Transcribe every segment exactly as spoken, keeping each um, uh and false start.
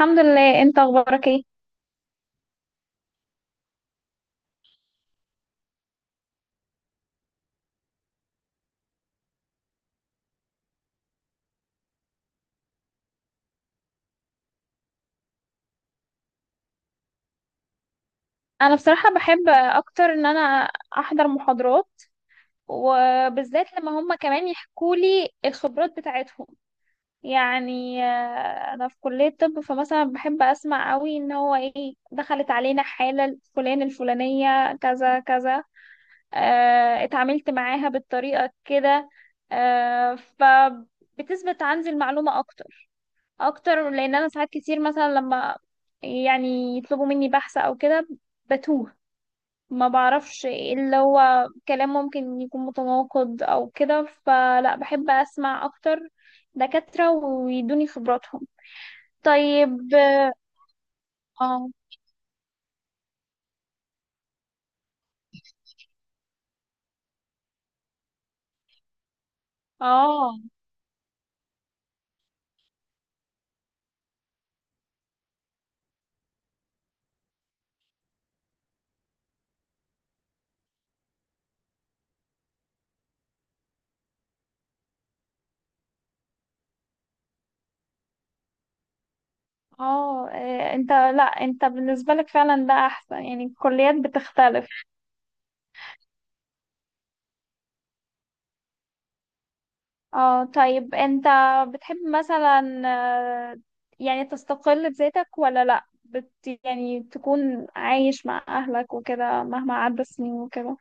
الحمد لله، انت اخبارك ايه؟ انا بصراحة بحب اكتر ان انا احضر محاضرات، وبالذات لما هم كمان يحكوا لي الخبرات بتاعتهم. يعني آه، انا في كلية طب، فمثلا بحب اسمع قوي ان هو ايه دخلت علينا حالة الفلان الفلانية كذا كذا. اه، اتعاملت معاها بالطريقة كده. اه، فبتثبت عندي المعلومة اكتر اكتر، لان انا ساعات كتير مثلا لما يعني يطلبوا مني بحث او كده بتوه، ما بعرفش إيه اللي هو كلام ممكن يكون متناقض او كده، فلا بحب اسمع اكتر دكاترة ويدوني خبراتهم. طيب. اه، اه، اه. إيه، انت، لا، انت بالنسبة لك فعلا ده احسن، يعني الكليات بتختلف. اه، طيب. انت بتحب مثلا، آه، يعني تستقل بذاتك ولا لا، بت يعني تكون عايش مع اهلك وكده مهما عدى السنين وكده؟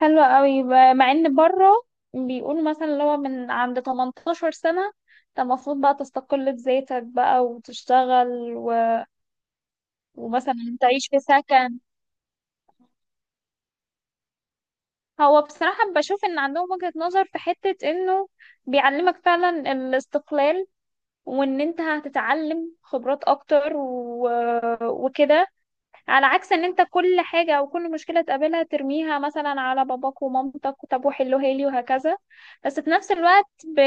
حلو قوي. ب- مع ان بره بيقولوا مثلا اللي هو من عند 18 سنة انت المفروض بقى تستقل بذاتك بقى وتشتغل و... ومثلا تعيش في سكن. هو بصراحة بشوف ان عندهم وجهة نظر في حتة انه بيعلمك فعلا الاستقلال، وان انت هتتعلم خبرات اكتر و... وكده، على عكس ان انت كل حاجة او كل مشكلة تقابلها ترميها مثلا على باباك ومامتك، طب وحلوها لي وهكذا. بس في نفس الوقت ب...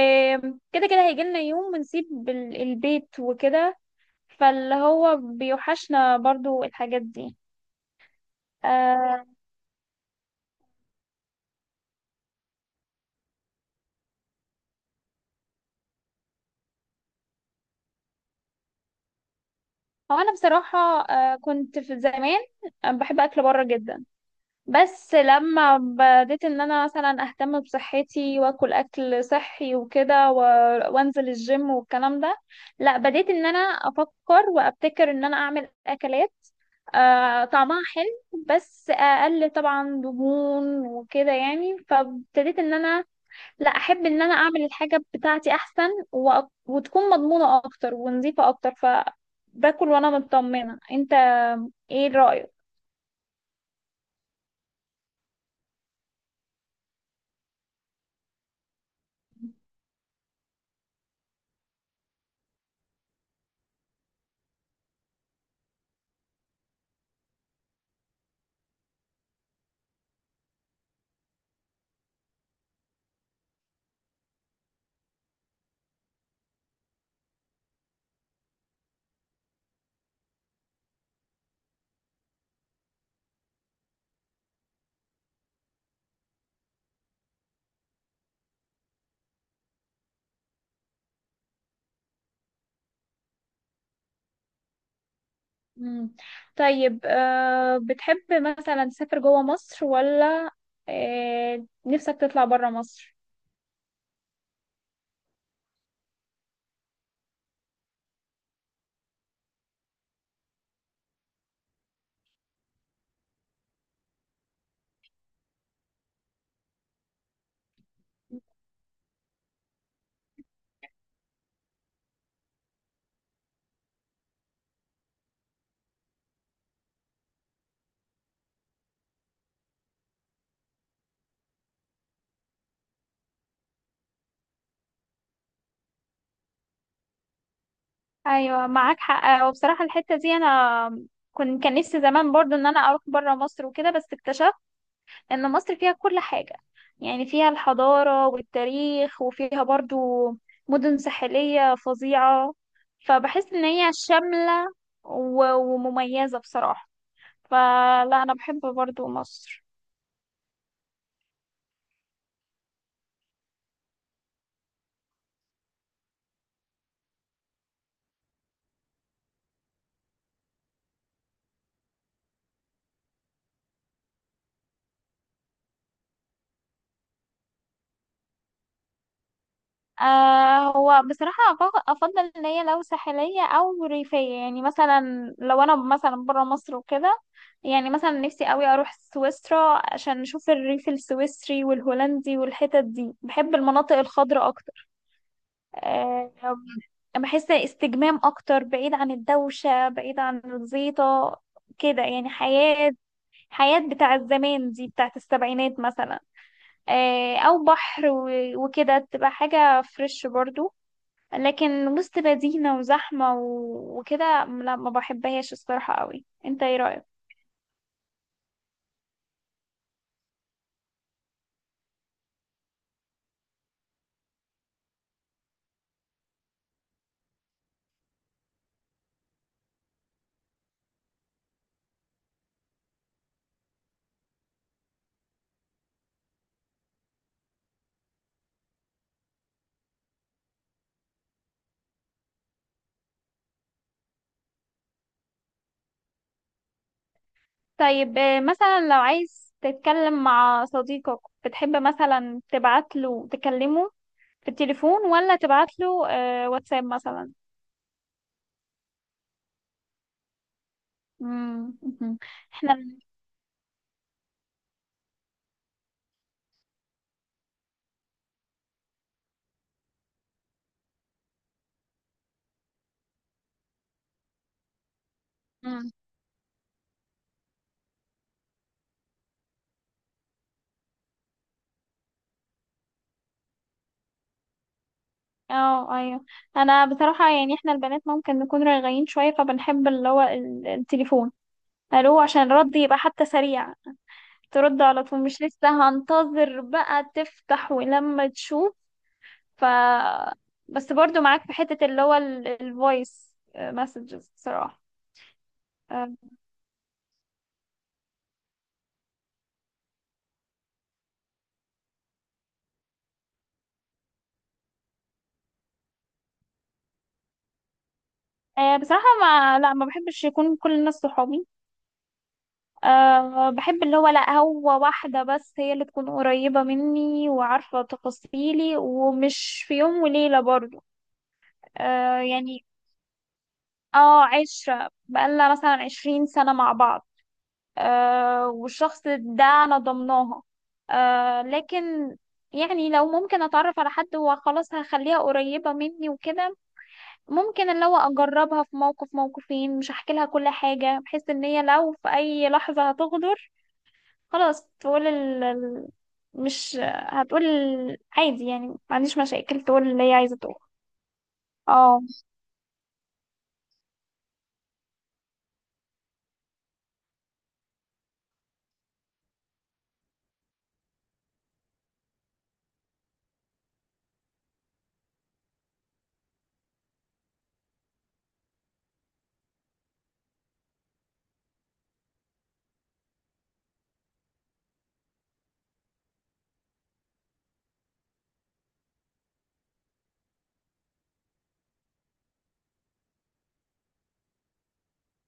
كده كده هيجي لنا يوم ونسيب ال- البيت وكده، فاللي هو بيوحشنا برضو الحاجات دي. آه، هو انا بصراحة آه، كنت في زمان آه، بحب اكل بره جدا. بس لما بديت ان انا مثلا اهتم بصحتي واكل اكل صحي وكده و... وانزل الجيم والكلام ده، لا، بديت ان انا افكر وابتكر ان انا اعمل اكلات آه طعمها حلو بس اقل طبعا دهون وكده. يعني فابتديت ان انا لا، احب ان انا اعمل الحاجة بتاعتي احسن و... وتكون مضمونة اكتر ونظيفة اكتر، فباكل وانا مطمنة. انت ايه رأيك؟ مم. طيب، آه بتحب مثلا تسافر جوه مصر ولا آه نفسك تطلع برا مصر؟ ايوه، معاك حق. آه، وبصراحه الحته دي انا كنت، كان نفسي زمان برضو ان انا اروح بره مصر وكده، بس اكتشفت ان مصر فيها كل حاجه. يعني فيها الحضاره والتاريخ، وفيها برضو مدن ساحليه فظيعه، فبحس ان هي شامله و- ومميزه بصراحه. فلا، انا بحب برضو مصر. آه هو بصراحة أف- أفضل إن هي لو ساحلية أو ريفية. يعني مثلا لو أنا مثلا برا مصر وكده، يعني مثلا نفسي أوي أروح سويسرا عشان نشوف الريف السويسري والهولندي والحتت دي. بحب المناطق الخضراء أكتر. آه بحس استجمام أكتر، بعيد عن الدوشة، بعيد عن الزيطة كده. يعني حياة حياة بتاع الزمان دي، بتاعت السبعينات مثلا. آه أو بحر و- وكده تبقى حاجة فريش برضو. لكن وسط مدينة وزحمة و- وكده، لا، ما بحبهاش الصراحة قوي. انت ايه رأيك؟ طيب، آه، مثلا لو عايز تتكلم مع صديقك، بتحب مثلا تبعت له تكلمه في التليفون، ولا تبعت له آه، واتساب مثلا؟ مم، مهم. احنا. مم. اه، ايوه. انا بصراحة يعني احنا البنات ممكن نكون رايقين شوية، فبنحب اللي هو ال- التليفون. الو، عشان الرد يبقى حتى سريع، ترد على طول، مش لسه هنتظر بقى تفتح ولما تشوف. ف بس برضو معاك في حتة اللي هو الفويس مسجز بصراحة. آه، آه، بصراحة، ما لا، ما بحبش يكون كل الناس صحابي. أه، بحب اللي هو، لا، هو واحدة بس هي اللي تكون قريبة مني وعارفة تفاصيلي، ومش في يوم وليلة برضو. أه يعني، اه، عشرة بقالنا مثلا عشرين سنة مع بعض. آه والشخص ده أنا ضمناها. آه لكن يعني لو ممكن أتعرف على حد وخلاص هخليها قريبة مني وكده، ممكن اللي هو أجربها في موقف موقفين، مش هحكي لها كل حاجة، بحيث إن هي لو في أي لحظة هتغدر خلاص تقول ال... ال- مش هتقول، عادي، يعني ما عنديش مشاكل تقول اللي هي عايزة تقول. اه،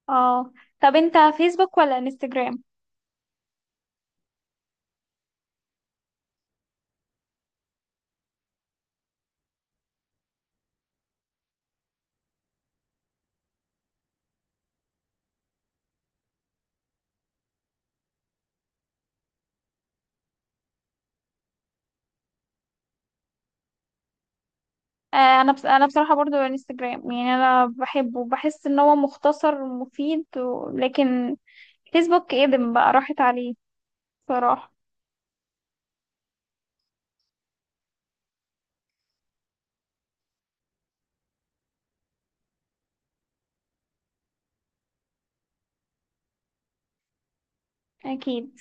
اه. طب انت فيسبوك ولا انستجرام؟ آه، انا بس، انا بصراحه برضو انستجرام. يعني انا بحبه، بحس ان هو مختصر ومفيد و... لكن فيسبوك ادم بقى، راحت عليه بصراحه. اكيد.